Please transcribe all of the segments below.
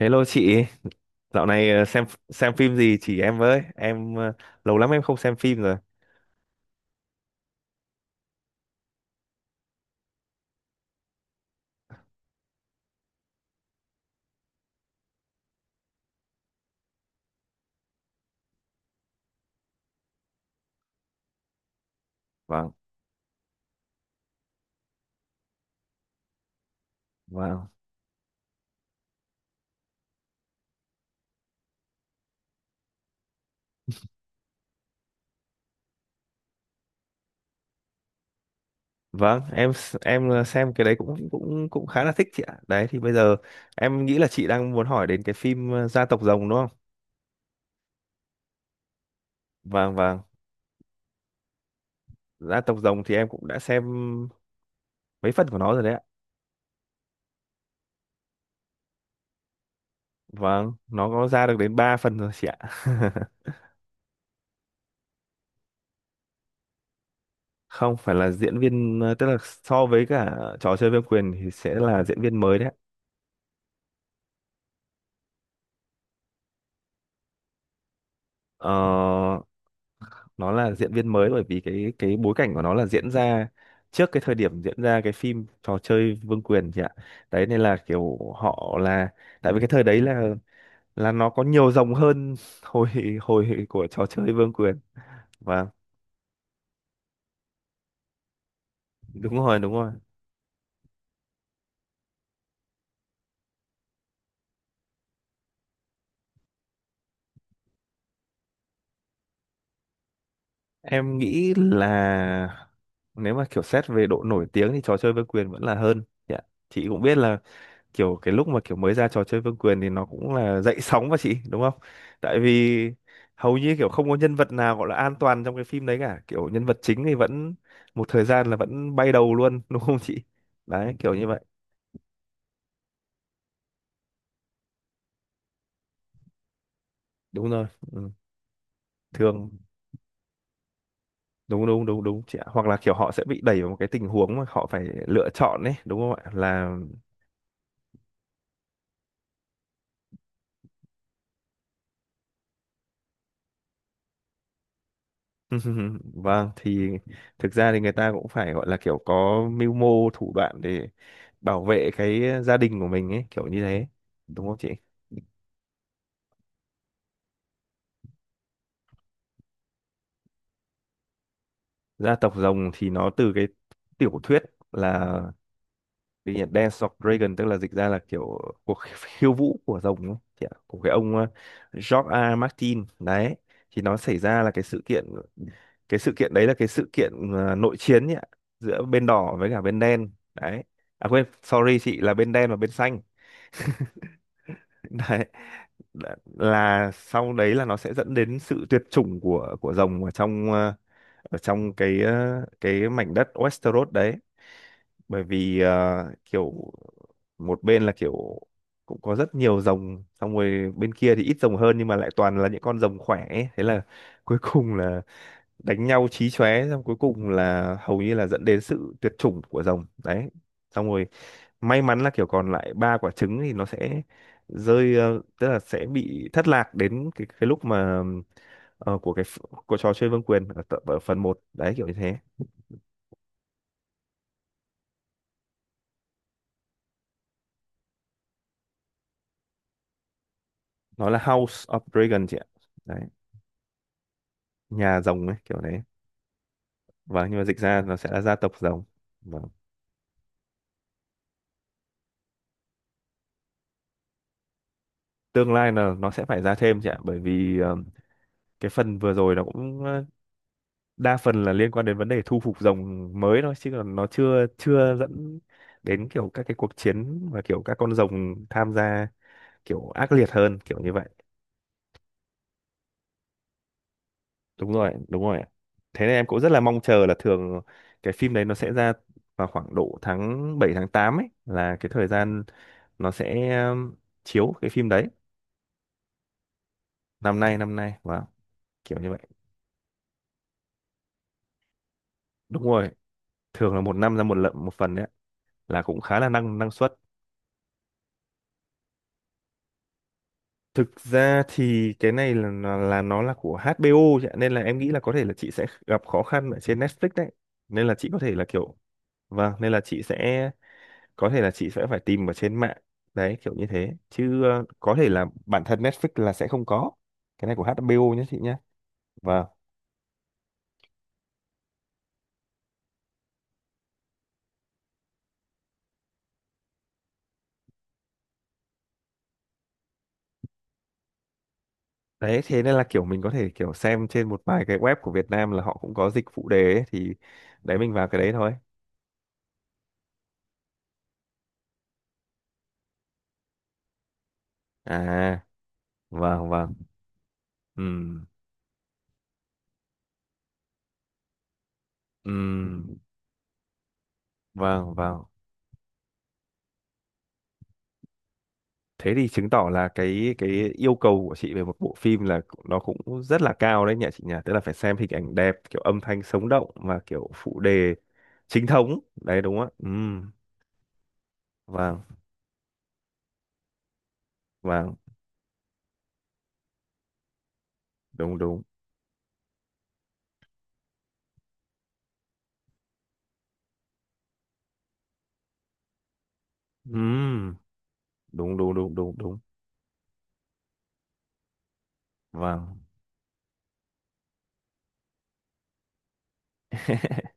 Hello chị, dạo này xem phim gì chỉ em với, em lâu lắm em không xem phim rồi. Vâng, vâng. Vâng, em xem cái đấy cũng cũng cũng khá là thích chị ạ. Đấy thì bây giờ em nghĩ là chị đang muốn hỏi đến cái phim Gia tộc Rồng đúng không? Vâng, vâng. Gia tộc Rồng thì em cũng đã xem mấy phần của nó rồi đấy ạ. Vâng, nó có ra được đến 3 phần rồi chị ạ. Không phải là diễn viên tức là so với cả trò chơi vương quyền thì sẽ là diễn viên mới đấy ạ. Ờ nó là diễn viên mới bởi vì cái bối cảnh của nó là diễn ra trước cái thời điểm diễn ra cái phim trò chơi Vương quyền chị ạ, đấy nên là kiểu họ là, tại vì cái thời đấy là nó có nhiều dòng hơn hồi hồi của trò chơi Vương quyền. Và đúng rồi, em nghĩ là nếu mà kiểu xét về độ nổi tiếng thì trò chơi Vương quyền vẫn là hơn chị cũng biết là kiểu cái lúc mà kiểu mới ra trò chơi Vương quyền thì nó cũng là dậy sóng mà chị đúng không? Tại vì hầu như kiểu không có nhân vật nào gọi là an toàn trong cái phim đấy cả, kiểu nhân vật chính thì vẫn một thời gian là vẫn bay đầu luôn đúng không chị? Đấy kiểu như vậy. Đúng rồi. Ừ. Thường đúng đúng đúng đúng chị ạ. Hoặc là kiểu họ sẽ bị đẩy vào một cái tình huống mà họ phải lựa chọn ấy, đúng không ạ? Là vâng, thì thực ra thì người ta cũng phải gọi là kiểu có mưu mô thủ đoạn để bảo vệ cái gia đình của mình ấy, kiểu như thế. Đúng không chị? Gia tộc rồng thì nó từ cái tiểu thuyết, là cái gì nhỉ? Dance of Dragon, tức là dịch ra là kiểu cuộc khiêu vũ của rồng ấy, chị ạ, của cái ông George A. Martin đấy. Thì nó xảy ra là cái sự kiện, cái sự kiện đấy là cái sự kiện nội chiến nhỉ, giữa bên đỏ với cả bên đen. Đấy. À quên, sorry chị, là bên đen và bên xanh đấy, là sau đấy là nó sẽ dẫn đến sự tuyệt chủng của rồng ở trong ở trong cái mảnh đất Westeros đấy, bởi vì kiểu một bên là kiểu cũng có rất nhiều rồng, xong rồi bên kia thì ít rồng hơn nhưng mà lại toàn là những con rồng khỏe ấy. Thế là cuối cùng là đánh nhau chí chóe, xong cuối cùng là hầu như là dẫn đến sự tuyệt chủng của rồng đấy, xong rồi may mắn là kiểu còn lại ba quả trứng thì nó sẽ rơi, tức là sẽ bị thất lạc đến cái lúc mà ờ, của cái ph- của trò chơi vương quyền ở, ở phần một đấy kiểu như thế. Nó là House of Dragon chị ạ, đấy, nhà rồng ấy kiểu đấy. Và nhưng mà dịch ra nó sẽ là gia tộc rồng. Vâng. Tương lai là nó sẽ phải ra thêm chị ạ, bởi vì cái phần vừa rồi nó cũng đa phần là liên quan đến vấn đề thu phục rồng mới thôi, chứ còn nó chưa chưa dẫn đến kiểu các cái cuộc chiến và kiểu các con rồng tham gia kiểu ác liệt hơn kiểu như vậy. Đúng rồi ạ. Thế nên em cũng rất là mong chờ là thường cái phim đấy nó sẽ ra vào khoảng độ tháng 7 tháng 8 ấy, là cái thời gian nó sẽ chiếu cái phim đấy. Năm nay wow, kiểu như vậy. Đúng rồi, thường là một năm ra một lận một phần đấy ạ, là cũng khá là năng năng suất. Thực ra thì cái này là nó là của HBO chị ạ, nên là em nghĩ là có thể là chị sẽ gặp khó khăn ở trên Netflix đấy, nên là chị có thể là kiểu, vâng, nên là chị sẽ có thể là chị sẽ phải tìm ở trên mạng đấy kiểu như thế, chứ có thể là bản thân Netflix là sẽ không có, cái này của HBO nhé chị nhé. Và đấy thế nên là kiểu mình có thể kiểu xem trên một vài cái web của Việt Nam là họ cũng có dịch phụ đề ấy, thì đấy mình vào cái đấy thôi. À vâng, vâng. Ừ, ừ. Vâng, vâng. Thế thì chứng tỏ là cái yêu cầu của chị về một bộ phim là cũng, nó cũng rất là cao đấy nhỉ chị nhỉ, tức là phải xem hình ảnh đẹp, kiểu âm thanh sống động và kiểu phụ đề chính thống đấy đúng không ạ? Vâng vâng, đúng đúng. Ừm, đúng đúng đúng đúng đúng. Vâng.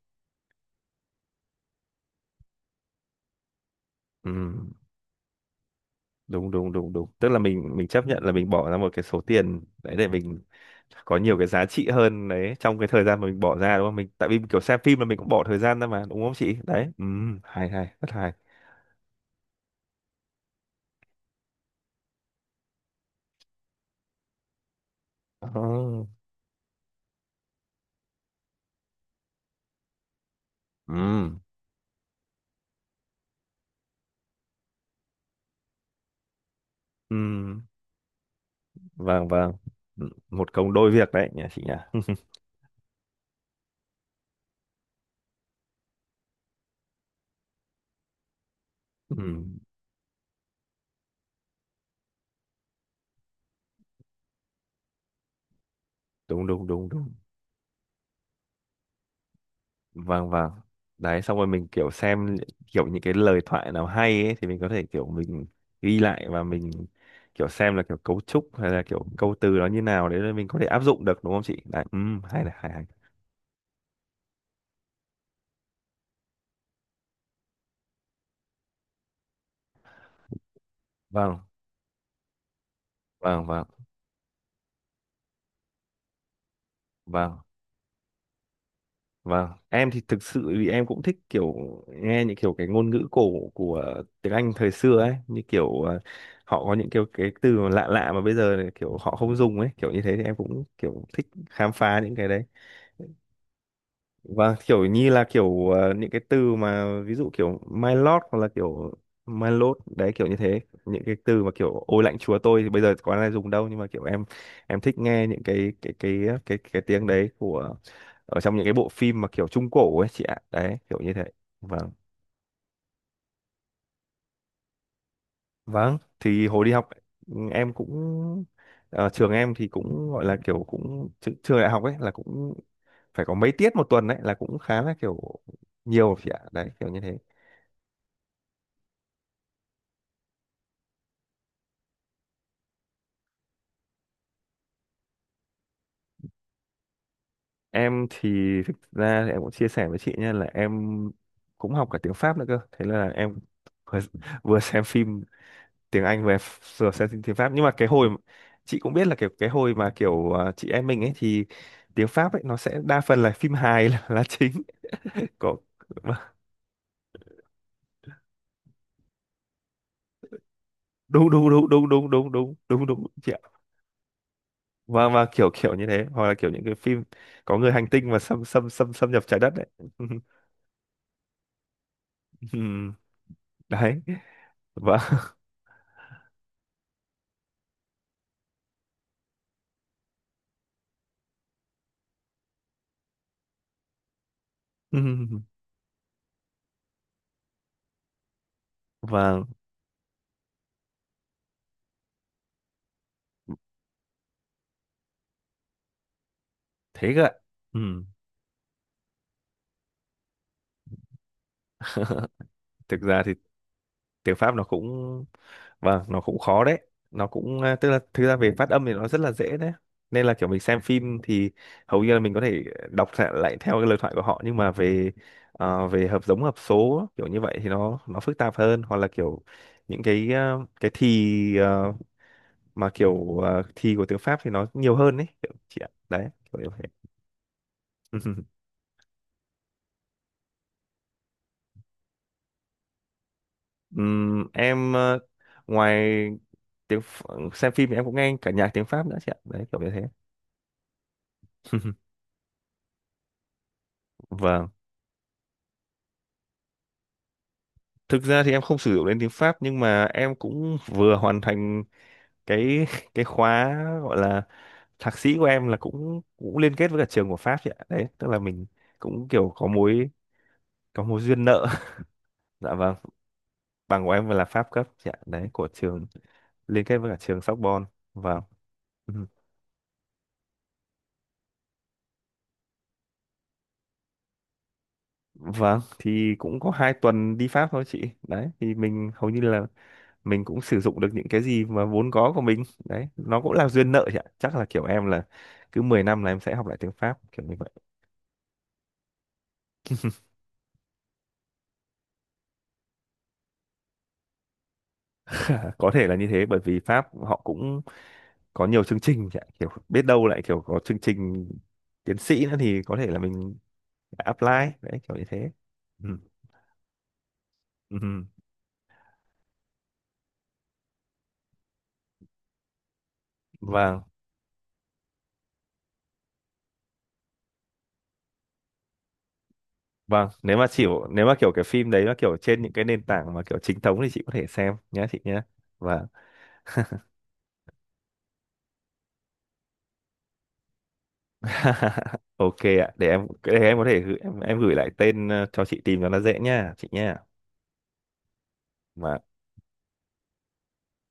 Ừm, đúng đúng đúng đúng, tức là mình chấp nhận là mình bỏ ra một cái số tiền đấy để mình có nhiều cái giá trị hơn đấy, trong cái thời gian mà mình bỏ ra đúng không mình, tại vì kiểu xem phim là mình cũng bỏ thời gian ra mà đúng không chị đấy. Hay, rất hay. Oh. Ừ. Ừ. Vâng vâng. Ừ, một công đôi việc đấy nhỉ chị nhỉ. Ừ. Đúng đúng đúng đúng. Vâng vâng. Đấy xong rồi mình kiểu xem kiểu những cái lời thoại nào hay ấy thì mình có thể kiểu mình ghi lại và mình kiểu xem là kiểu cấu trúc hay là kiểu câu từ nó như nào, đấy là mình có thể áp dụng được đúng không chị? Đấy. Ừ, hay này, hay hay. Vâng, vâng vâng vâng. Vâng, em thì thực sự vì em cũng thích kiểu nghe những kiểu cái ngôn ngữ cổ của tiếng Anh thời xưa ấy, như kiểu họ có những kiểu cái từ mà lạ lạ mà bây giờ thì kiểu họ không dùng ấy, kiểu như thế, thì em cũng kiểu thích khám phá những cái đấy. Vâng, kiểu như là kiểu những cái từ mà ví dụ kiểu my lord hoặc là kiểu my lord đấy kiểu như thế. Những cái từ mà kiểu ôi lạnh chúa tôi thì bây giờ có ai dùng đâu, nhưng mà kiểu em thích nghe những cái tiếng đấy của, ở trong những cái bộ phim mà kiểu trung cổ ấy chị ạ. Đấy, kiểu như thế. Vâng. Vâng, thì hồi đi học em cũng trường em thì cũng gọi là kiểu cũng trường đại học ấy là cũng phải có mấy tiết một tuần đấy, là cũng khá là kiểu nhiều chị ạ. Đấy, kiểu như thế. Em thì thực ra thì em cũng chia sẻ với chị nha, là em cũng học cả tiếng Pháp nữa cơ, thế là em vừa, vừa xem phim tiếng Anh về vừa xem phim tiếng Pháp, nhưng mà cái hồi, chị cũng biết là kiểu cái hồi mà kiểu chị em mình ấy, thì tiếng Pháp ấy nó sẽ đa phần là phim hài là chính. Có, vâng. đúng đúng đúng đúng đúng đúng đúng đúng đúng chị ạ. Và kiểu kiểu như thế hoặc là kiểu những cái phim có người hành tinh mà xâm xâm xâm xâm nhập trái đất đấy. Ừm, đấy. Và và thế cơ ạ. Ừ. Thực ra thì tiếng Pháp nó cũng, vâng, nó cũng khó đấy, nó cũng tức là thực ra về phát âm thì nó rất là dễ đấy, nên là kiểu mình xem phim thì hầu như là mình có thể đọc lại theo cái lời thoại của họ, nhưng mà về về hợp giống hợp số kiểu như vậy thì nó phức tạp hơn, hoặc là kiểu những cái cái thì à, mà kiểu à, thì của tiếng Pháp thì nó nhiều hơn đấy kiểu chị ạ đấy kiểu như vậy. Em ngoài xem phim thì em cũng nghe cả nhạc tiếng Pháp nữa chị ạ đấy kiểu như thế. Vâng, thực ra thì em không sử dụng đến tiếng Pháp, nhưng mà em cũng vừa hoàn thành cái cái khóa gọi là thạc sĩ của em, là cũng cũng liên kết với cả trường của Pháp chị ạ, đấy tức là mình cũng kiểu có mối, có mối duyên nợ. Dạ vâng, bằng của em là Pháp cấp chị ạ, đấy của trường liên kết với cả trường Sorbonne. Vâng. Ừ. Vâng thì cũng có 2 tuần đi Pháp thôi chị, đấy thì mình hầu như là mình cũng sử dụng được những cái gì mà vốn có của mình đấy, nó cũng là duyên nợ chị ạ, chắc là kiểu em là cứ 10 năm là em sẽ học lại tiếng Pháp kiểu như vậy. À, có thể là như thế bởi vì Pháp họ cũng có nhiều chương trình chị ạ, kiểu biết đâu lại kiểu có chương trình tiến sĩ nữa thì có thể là mình apply đấy kiểu như thế. Ừ. Ừ. Ừ. Vâng vâng, nếu mà chịu, nếu mà kiểu cái phim đấy nó kiểu trên những cái nền tảng mà kiểu chính thống thì chị có thể xem nhé chị nhé. Vâng. Ok ạ, để em, để em có thể gửi, em gửi lại tên cho chị tìm cho nó dễ nha chị nha. Và